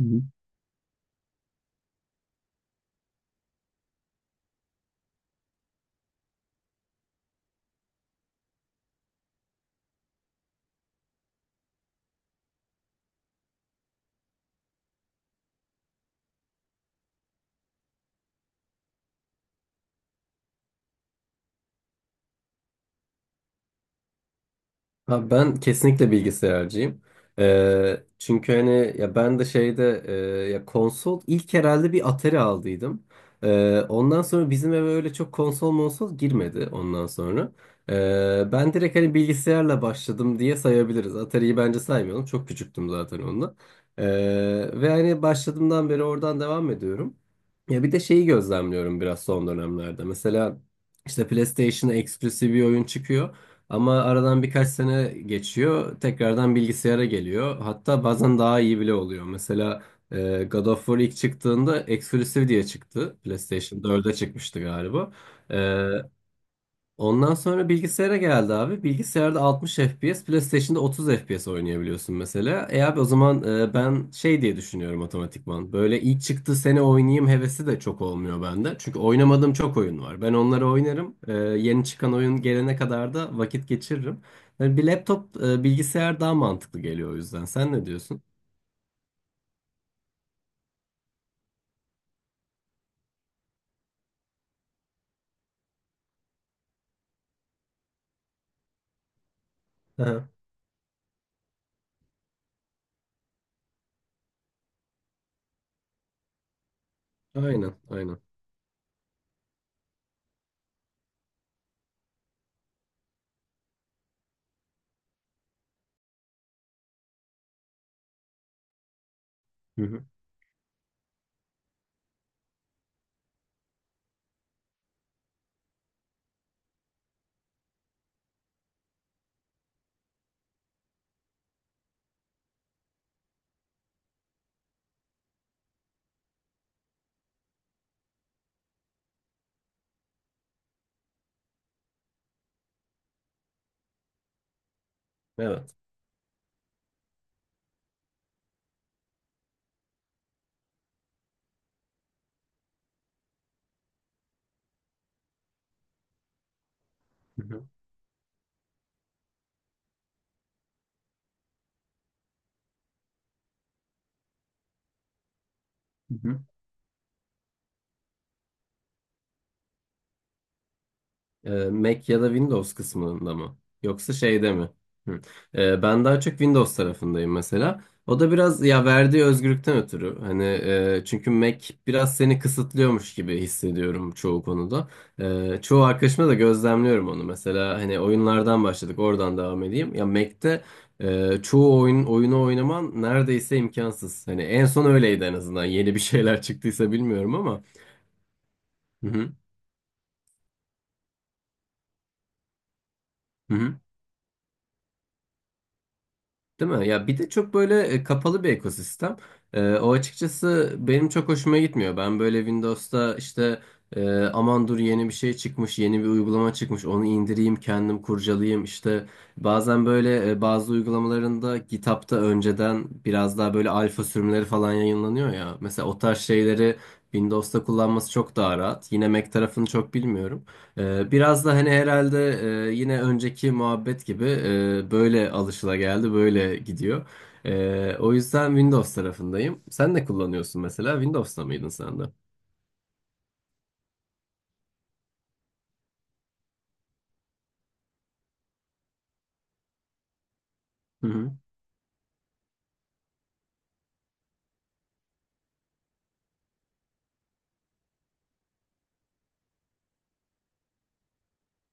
Hı hı. Ha, ben kesinlikle bilgisayarcıyım. Çünkü hani ya ben de ya konsol ilk herhalde bir Atari aldıydım. Ondan sonra bizim eve öyle çok konsol monsol girmedi ondan sonra. Ben direkt hani bilgisayarla başladım diye sayabiliriz. Atari'yi bence saymayalım. Çok küçüktüm zaten onunla. Ee, Ve hani başladığımdan beri oradan devam ediyorum. Ya bir de şeyi gözlemliyorum biraz son dönemlerde. Mesela işte PlayStation'a eksklusif bir oyun çıkıyor. Ama aradan birkaç sene geçiyor. Tekrardan bilgisayara geliyor. Hatta bazen daha iyi bile oluyor. Mesela God of War ilk çıktığında Exclusive diye çıktı. PlayStation 4'e çıkmıştı galiba. E, Ondan sonra bilgisayara geldi abi. Bilgisayarda 60 FPS, PlayStation'da 30 FPS oynayabiliyorsun mesela. E abi o zaman ben şey diye düşünüyorum otomatikman. Böyle ilk çıktığı sene oynayayım hevesi de çok olmuyor bende. Çünkü oynamadığım çok oyun var. Ben onları oynarım. Yeni çıkan oyun gelene kadar da vakit geçiririm. Yani bir bilgisayar daha mantıklı geliyor o yüzden. Sen ne diyorsun? Aha. Aynen, aynen. Hı hı. Evet. Hı hı. Hı hı. Mac ya da Windows kısmında mı? Yoksa şeyde mi? Hı. Ben daha çok Windows tarafındayım mesela. O da biraz ya verdiği özgürlükten ötürü. Hani çünkü Mac biraz seni kısıtlıyormuş gibi hissediyorum çoğu konuda. Çoğu arkadaşıma da gözlemliyorum onu. Mesela hani oyunlardan başladık, oradan devam edeyim. Ya Mac'te çoğu oyunu oynaman neredeyse imkansız. Hani en son öyleydi en azından. Yeni bir şeyler çıktıysa bilmiyorum ama. Hı hı. Hı hı. Değil mi? Ya bir de çok böyle kapalı bir ekosistem. O açıkçası benim çok hoşuma gitmiyor. Ben böyle Windows'ta işte aman dur yeni bir şey çıkmış, yeni bir uygulama çıkmış, onu indireyim, kendim kurcalayayım. İşte bazen böyle bazı uygulamalarında GitHub'ta önceden biraz daha böyle alfa sürümleri falan yayınlanıyor ya. Mesela o tarz şeyleri Windows'ta kullanması çok daha rahat. Yine Mac tarafını çok bilmiyorum. Biraz da hani herhalde yine önceki muhabbet gibi böyle alışılageldi, böyle gidiyor. O yüzden Windows tarafındayım. Sen ne kullanıyorsun mesela? Windows'ta mıydın sen de? Hı hı,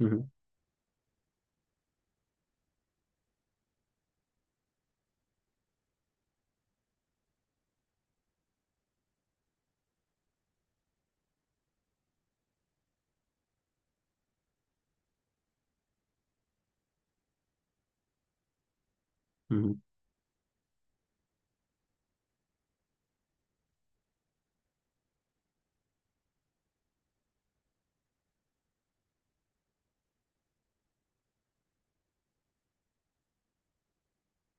hı hı, hı hı,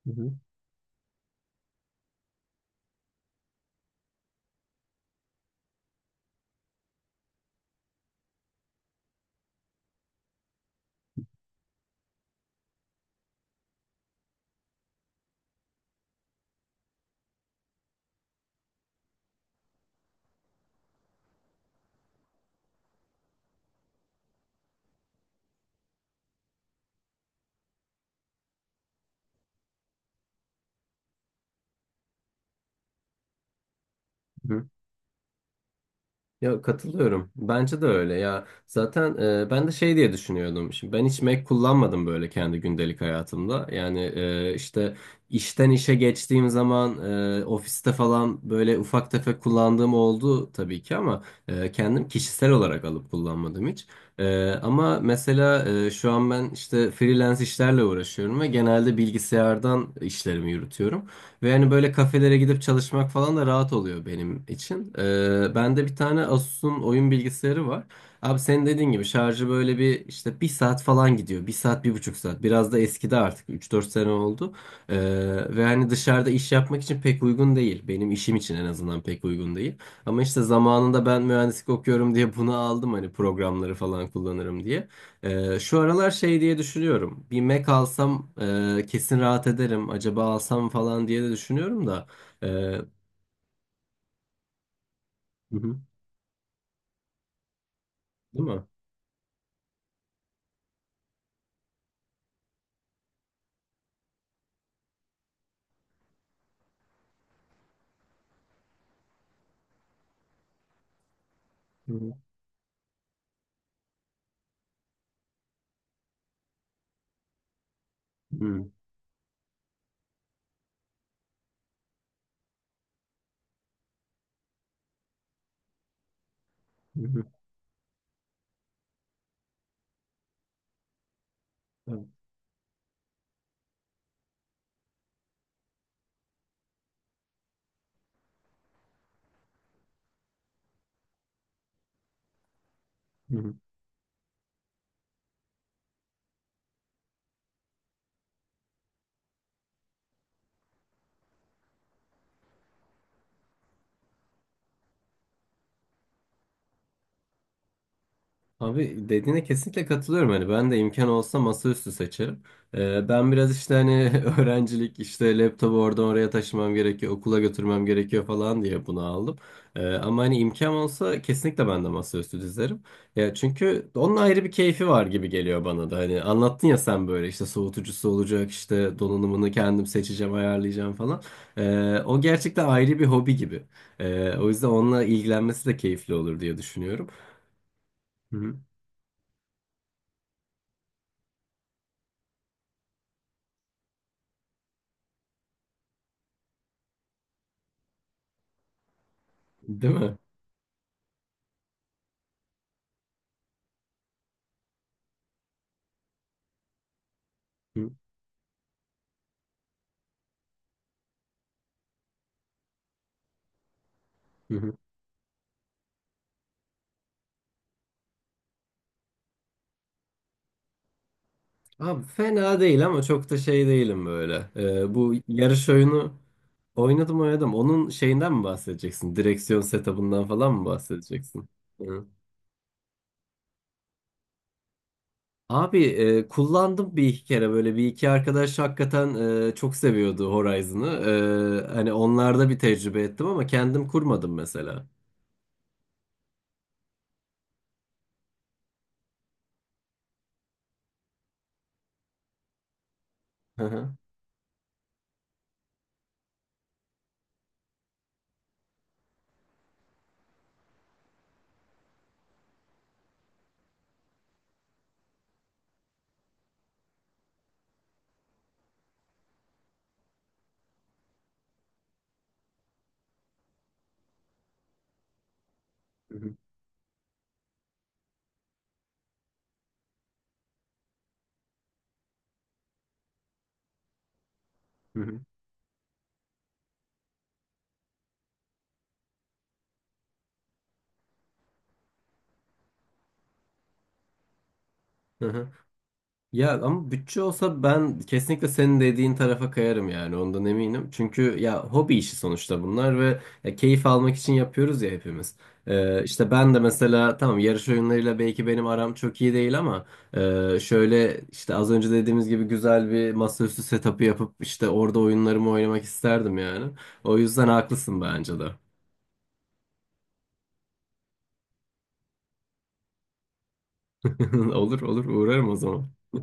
hı hı. Ya katılıyorum. Bence de öyle ya. Zaten ben de şey diye düşünüyordum. Şimdi ben hiç Mac kullanmadım böyle kendi gündelik hayatımda. Yani işte işten işe geçtiğim zaman ofiste falan böyle ufak tefek kullandığım oldu tabii ki ama kendim kişisel olarak alıp kullanmadım hiç. Ama mesela şu an ben işte freelance işlerle uğraşıyorum ve genelde bilgisayardan işlerimi yürütüyorum. Ve hani böyle kafelere gidip çalışmak falan da rahat oluyor benim için. Bende bir tane Asus'un oyun bilgisayarı var. Abi senin dediğin gibi şarjı böyle bir işte bir saat falan gidiyor. Bir saat, bir buçuk saat. Biraz da eskidi artık. Üç dört sene oldu. Ee, Ve hani dışarıda iş yapmak için pek uygun değil. Benim işim için en azından pek uygun değil. Ama işte zamanında ben mühendislik okuyorum diye bunu aldım hani programları falan kullanırım diye. Şu aralar şey diye düşünüyorum. Bir Mac alsam kesin rahat ederim. Acaba alsam falan diye de düşünüyorum da. Hı hı, değil mi? Hı hı, hı hı, hı hı, evet, hı hı. Abi dediğine kesinlikle katılıyorum. Hani ben de imkan olsa masaüstü seçerim. Ben biraz işte hani öğrencilik işte laptopu oradan oraya taşımam gerekiyor, okula götürmem gerekiyor falan diye bunu aldım. Ama hani imkan olsa kesinlikle ben de masaüstü dizerim. Ya çünkü onun ayrı bir keyfi var gibi geliyor bana da. Hani anlattın ya sen böyle işte soğutucusu olacak, işte donanımını kendim seçeceğim, ayarlayacağım falan. O gerçekten ayrı bir hobi gibi. O yüzden onunla ilgilenmesi de keyifli olur diye düşünüyorum. Hı hı. Değil mi? Hı hı. Hı. Abi fena değil ama çok da şey değilim böyle. Bu yarış oyunu oynadım oynadım. Onun şeyinden mi bahsedeceksin? Direksiyon setup'ından falan mı bahsedeceksin? Hı. Abi kullandım bir iki kere böyle bir iki arkadaş hakikaten çok seviyordu Horizon'ı. Hani onlarda bir tecrübe ettim ama kendim kurmadım mesela. Hı hı. Hı hı. Hı hı. Ya ama bütçe olsa ben kesinlikle senin dediğin tarafa kayarım yani ondan eminim. Çünkü ya hobi işi sonuçta bunlar ve ya keyif almak için yapıyoruz ya hepimiz. İşte ben de mesela tamam yarış oyunlarıyla belki benim aram çok iyi değil ama şöyle işte az önce dediğimiz gibi güzel bir masaüstü setup'ı yapıp işte orada oyunlarımı oynamak isterdim yani. O yüzden haklısın bence de. Olur olur uğrarım o zaman.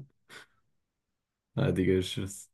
Hadi görüşürüz.